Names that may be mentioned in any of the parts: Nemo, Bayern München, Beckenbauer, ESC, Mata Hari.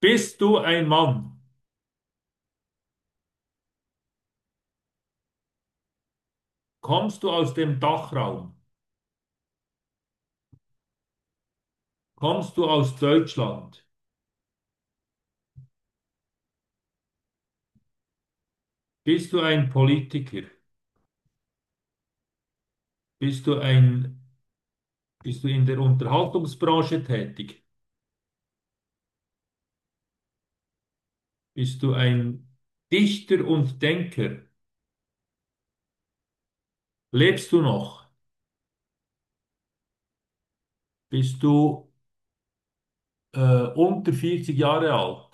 Bist du ein Mann? Kommst du aus dem Dachraum? Kommst du aus Deutschland? Bist du ein Politiker? Bist du ein, Bist du in der Unterhaltungsbranche tätig? Bist du ein Dichter und Denker? Lebst du noch? Bist du unter 40 Jahre alt?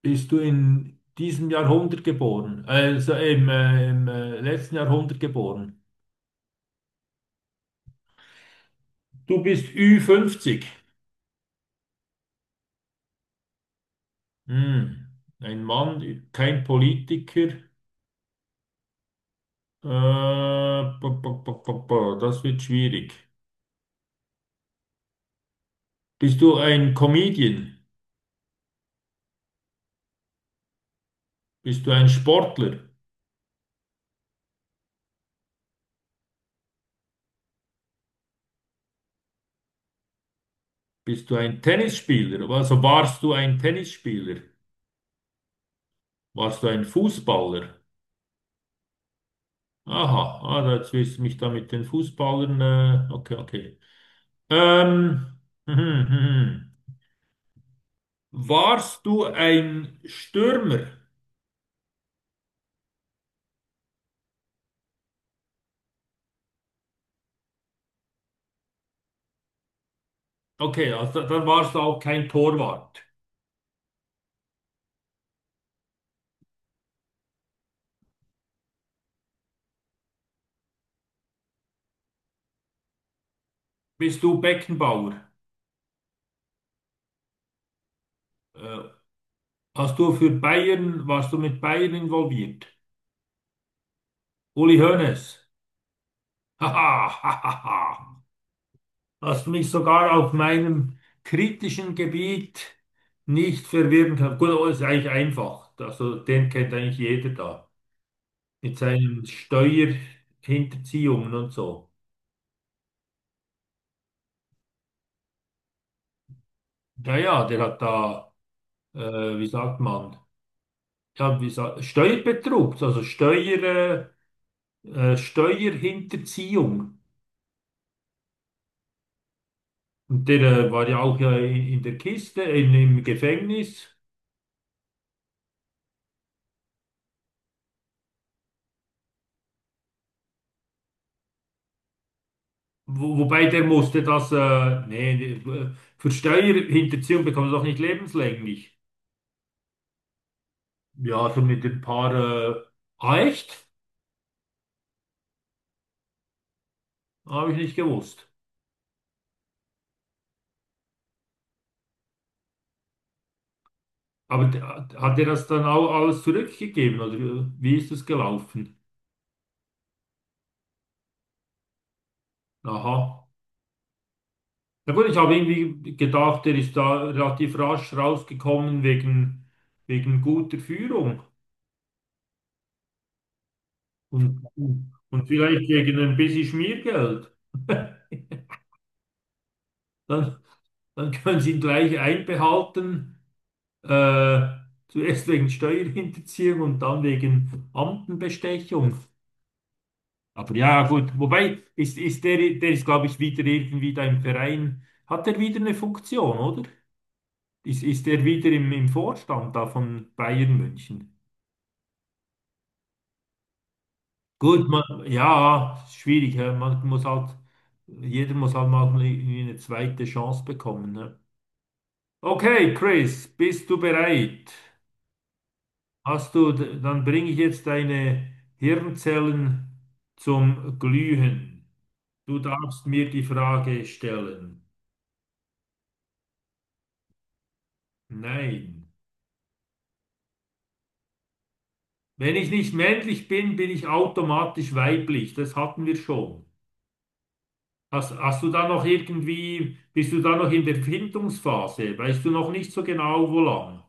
Bist du in diesem Jahrhundert geboren? Also im letzten Jahrhundert geboren? Du bist ü fünfzig. Hm. Ein Mann, kein Politiker. Ba, ba, ba, ba, ba, das wird schwierig. Bist du ein Comedian? Bist du ein Sportler? Bist du ein Tennisspieler? Also warst du ein Tennisspieler? Warst du ein Fußballer? Aha, ah, jetzt wirst du mich da mit den Fußballern. Okay, okay. Ähm, hm, hm, hm. hm, hm. Warst du ein Stürmer? Okay, also dann warst du auch kein Torwart. Bist du Beckenbauer? Äh, Hast du für Bayern, warst du mit Bayern involviert? Uli Hoeneß. Haha, hahaha. Hast mich sogar auf meinem kritischen Gebiet nicht verwirren können. Gut, aber ist eigentlich einfach. Also den kennt eigentlich jeder da. Mit seinen Steuerhinterziehungen und so. Naja, der hat da, äh, wie sagt man, ja, wie sa Steuerbetrug, also Steuer, Steuerhinterziehung. Und der war ja auch ja in der Kiste, in, im Gefängnis. Wobei der musste das, nee, nee, für Steuerhinterziehung bekommt er doch nicht lebenslänglich. Ja, so mit ein paar, äh, ah, echt? Habe ich nicht gewusst. Aber d- hat er das dann auch alles zurückgegeben oder wie ist das gelaufen? Aha. Na gut, ich habe irgendwie gedacht, der ist da relativ rasch rausgekommen wegen, wegen guter Führung. Und vielleicht gegen ein bisschen Schmiergeld. Dann, dann können Sie ihn gleich einbehalten, äh, zuerst wegen Steuerhinterziehung und dann wegen Amtenbestechung. Aber ja, gut, wobei, der ist, glaube ich, wieder irgendwie da im Verein. Hat er wieder eine Funktion, oder? Ist er wieder im Vorstand da von Bayern München? Gut, man, ja, schwierig, hä? Man muss halt, jeder muss halt mal irgendwie eine zweite Chance bekommen, ne? Okay, Chris, bist du bereit? Hast du, d- dann bringe ich jetzt deine Hirnzellen zum Glühen. Du darfst mir die Frage stellen. Nein. Wenn ich nicht männlich bin, bin ich automatisch weiblich. Das hatten wir schon. Hast du da noch irgendwie, bist du da noch in der Findungsphase? Weißt du noch nicht so genau, wo lang?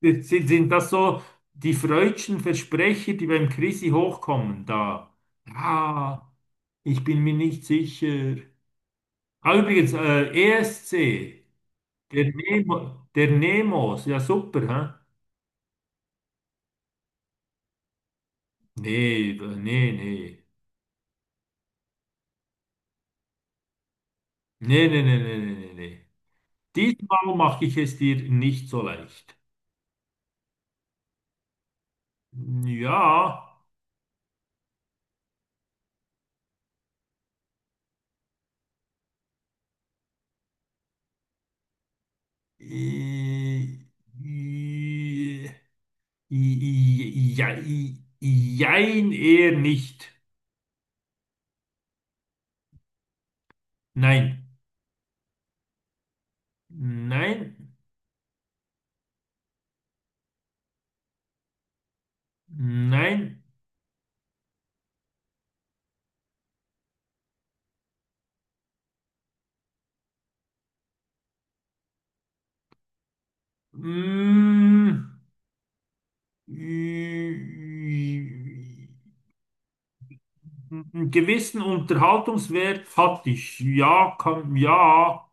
Sind das so die freudschen Versprecher, die beim Chrissy hochkommen? Da. Ah, ich bin mir nicht sicher. Ah, übrigens, ESC, der Nemo, der Nemos, ja super, hä? Nee, nee, nee. Nee, nee, nee, nee, nee, nee, nee. Diesmal mache ich es dir nicht so leicht. Ja. Äh, äh, ja, jein, eher nicht. Nein, nein, nein. Mm, äh, einen gewissen Unterhaltungswert hatte ich. Ja, kann, ja,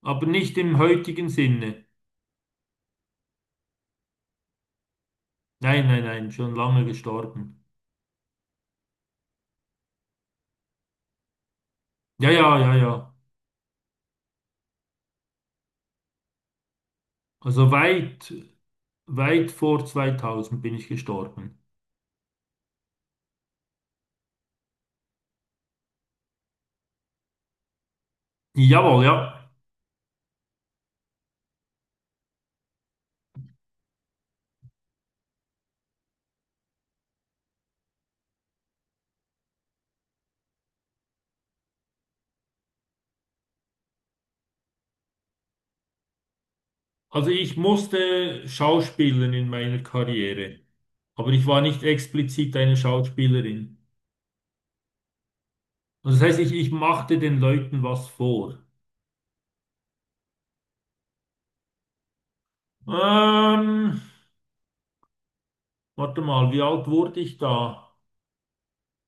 aber nicht im heutigen Sinne. Nein, nein, nein, schon lange gestorben. Ja, ja, ja, ja. Also weit, weit vor 2000 bin ich gestorben. Jawohl, ja. Also ich musste schauspielern in meiner Karriere, aber ich war nicht explizit eine Schauspielerin. Also das heißt, ich machte den Leuten was vor. Ähm, warte mal, wie alt wurde ich da?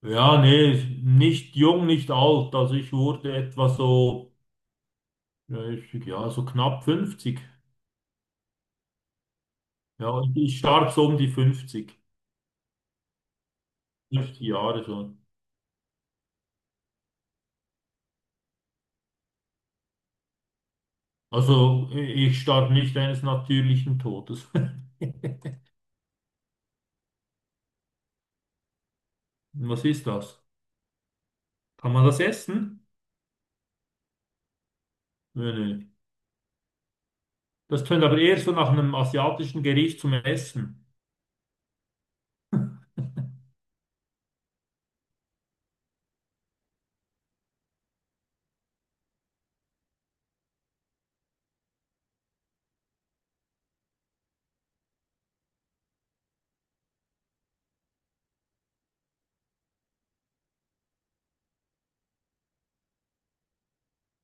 Ja, nee, nicht jung, nicht alt. Also ich wurde etwa so, ja, ich, ja, so knapp 50. Ja, ich starb so um die 50, 50 Jahre schon. Also i- ich starb nicht eines natürlichen Todes. Was ist das? Kann man das essen? Nee, nee. Das tönt aber eher so nach einem asiatischen Gericht zum Essen.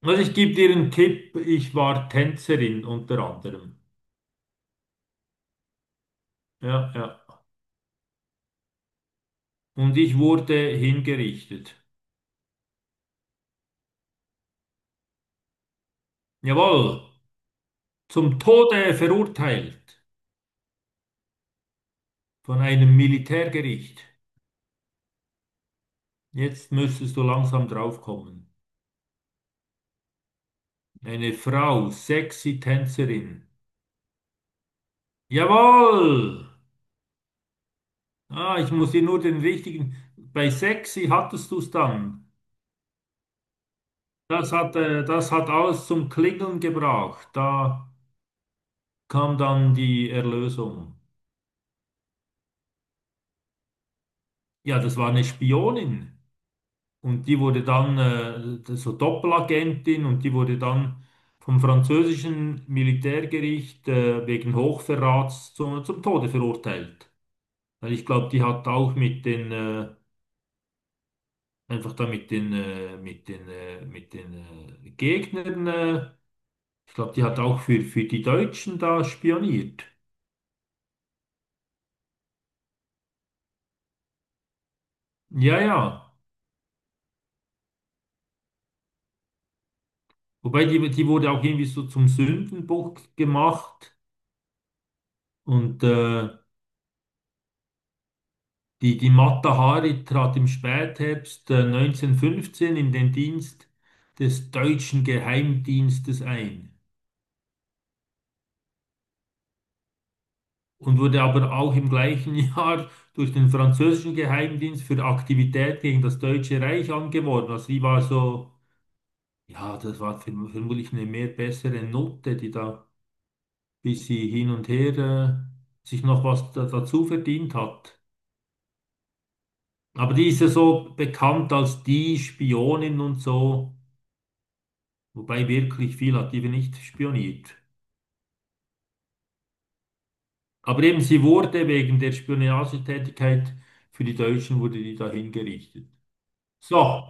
Also ich gebe dir einen Tipp, ich war Tänzerin unter anderem. Ja, ja. Und ich wurde hingerichtet. Jawohl, zum Tode verurteilt von einem Militärgericht. Jetzt müsstest du langsam draufkommen. Eine Frau, sexy Tänzerin. Jawohl! Ah, ich muss dir nur den richtigen. Bei sexy hattest du es dann. Das hat alles zum Klingeln gebracht. Da kam dann die Erlösung. Ja, das war eine Spionin und die wurde dann so Doppelagentin und die wurde dann vom französischen Militärgericht wegen Hochverrats zum Tode verurteilt. Weil ich glaube, die hat auch mit den einfach da mit den Gegnern, ich glaube, die hat auch für die Deutschen da spioniert. Ja, ja. Wobei die wurde auch irgendwie so zum Sündenbock gemacht und die Mata Hari trat im Spätherbst 1915 in den Dienst des deutschen Geheimdienstes ein und wurde aber auch im gleichen Jahr durch den französischen Geheimdienst für Aktivität gegen das Deutsche Reich angeworben. Also die war so, ja, das war verm- vermutlich eine mehr bessere Note, die da bis sie hin und her sich noch was da, dazu verdient hat. Aber die ist ja so bekannt als die Spionin und so, wobei wirklich viel hat die nicht spioniert. Aber eben, sie wurde wegen der Spionagetätigkeit für die Deutschen, wurde die da hingerichtet. So.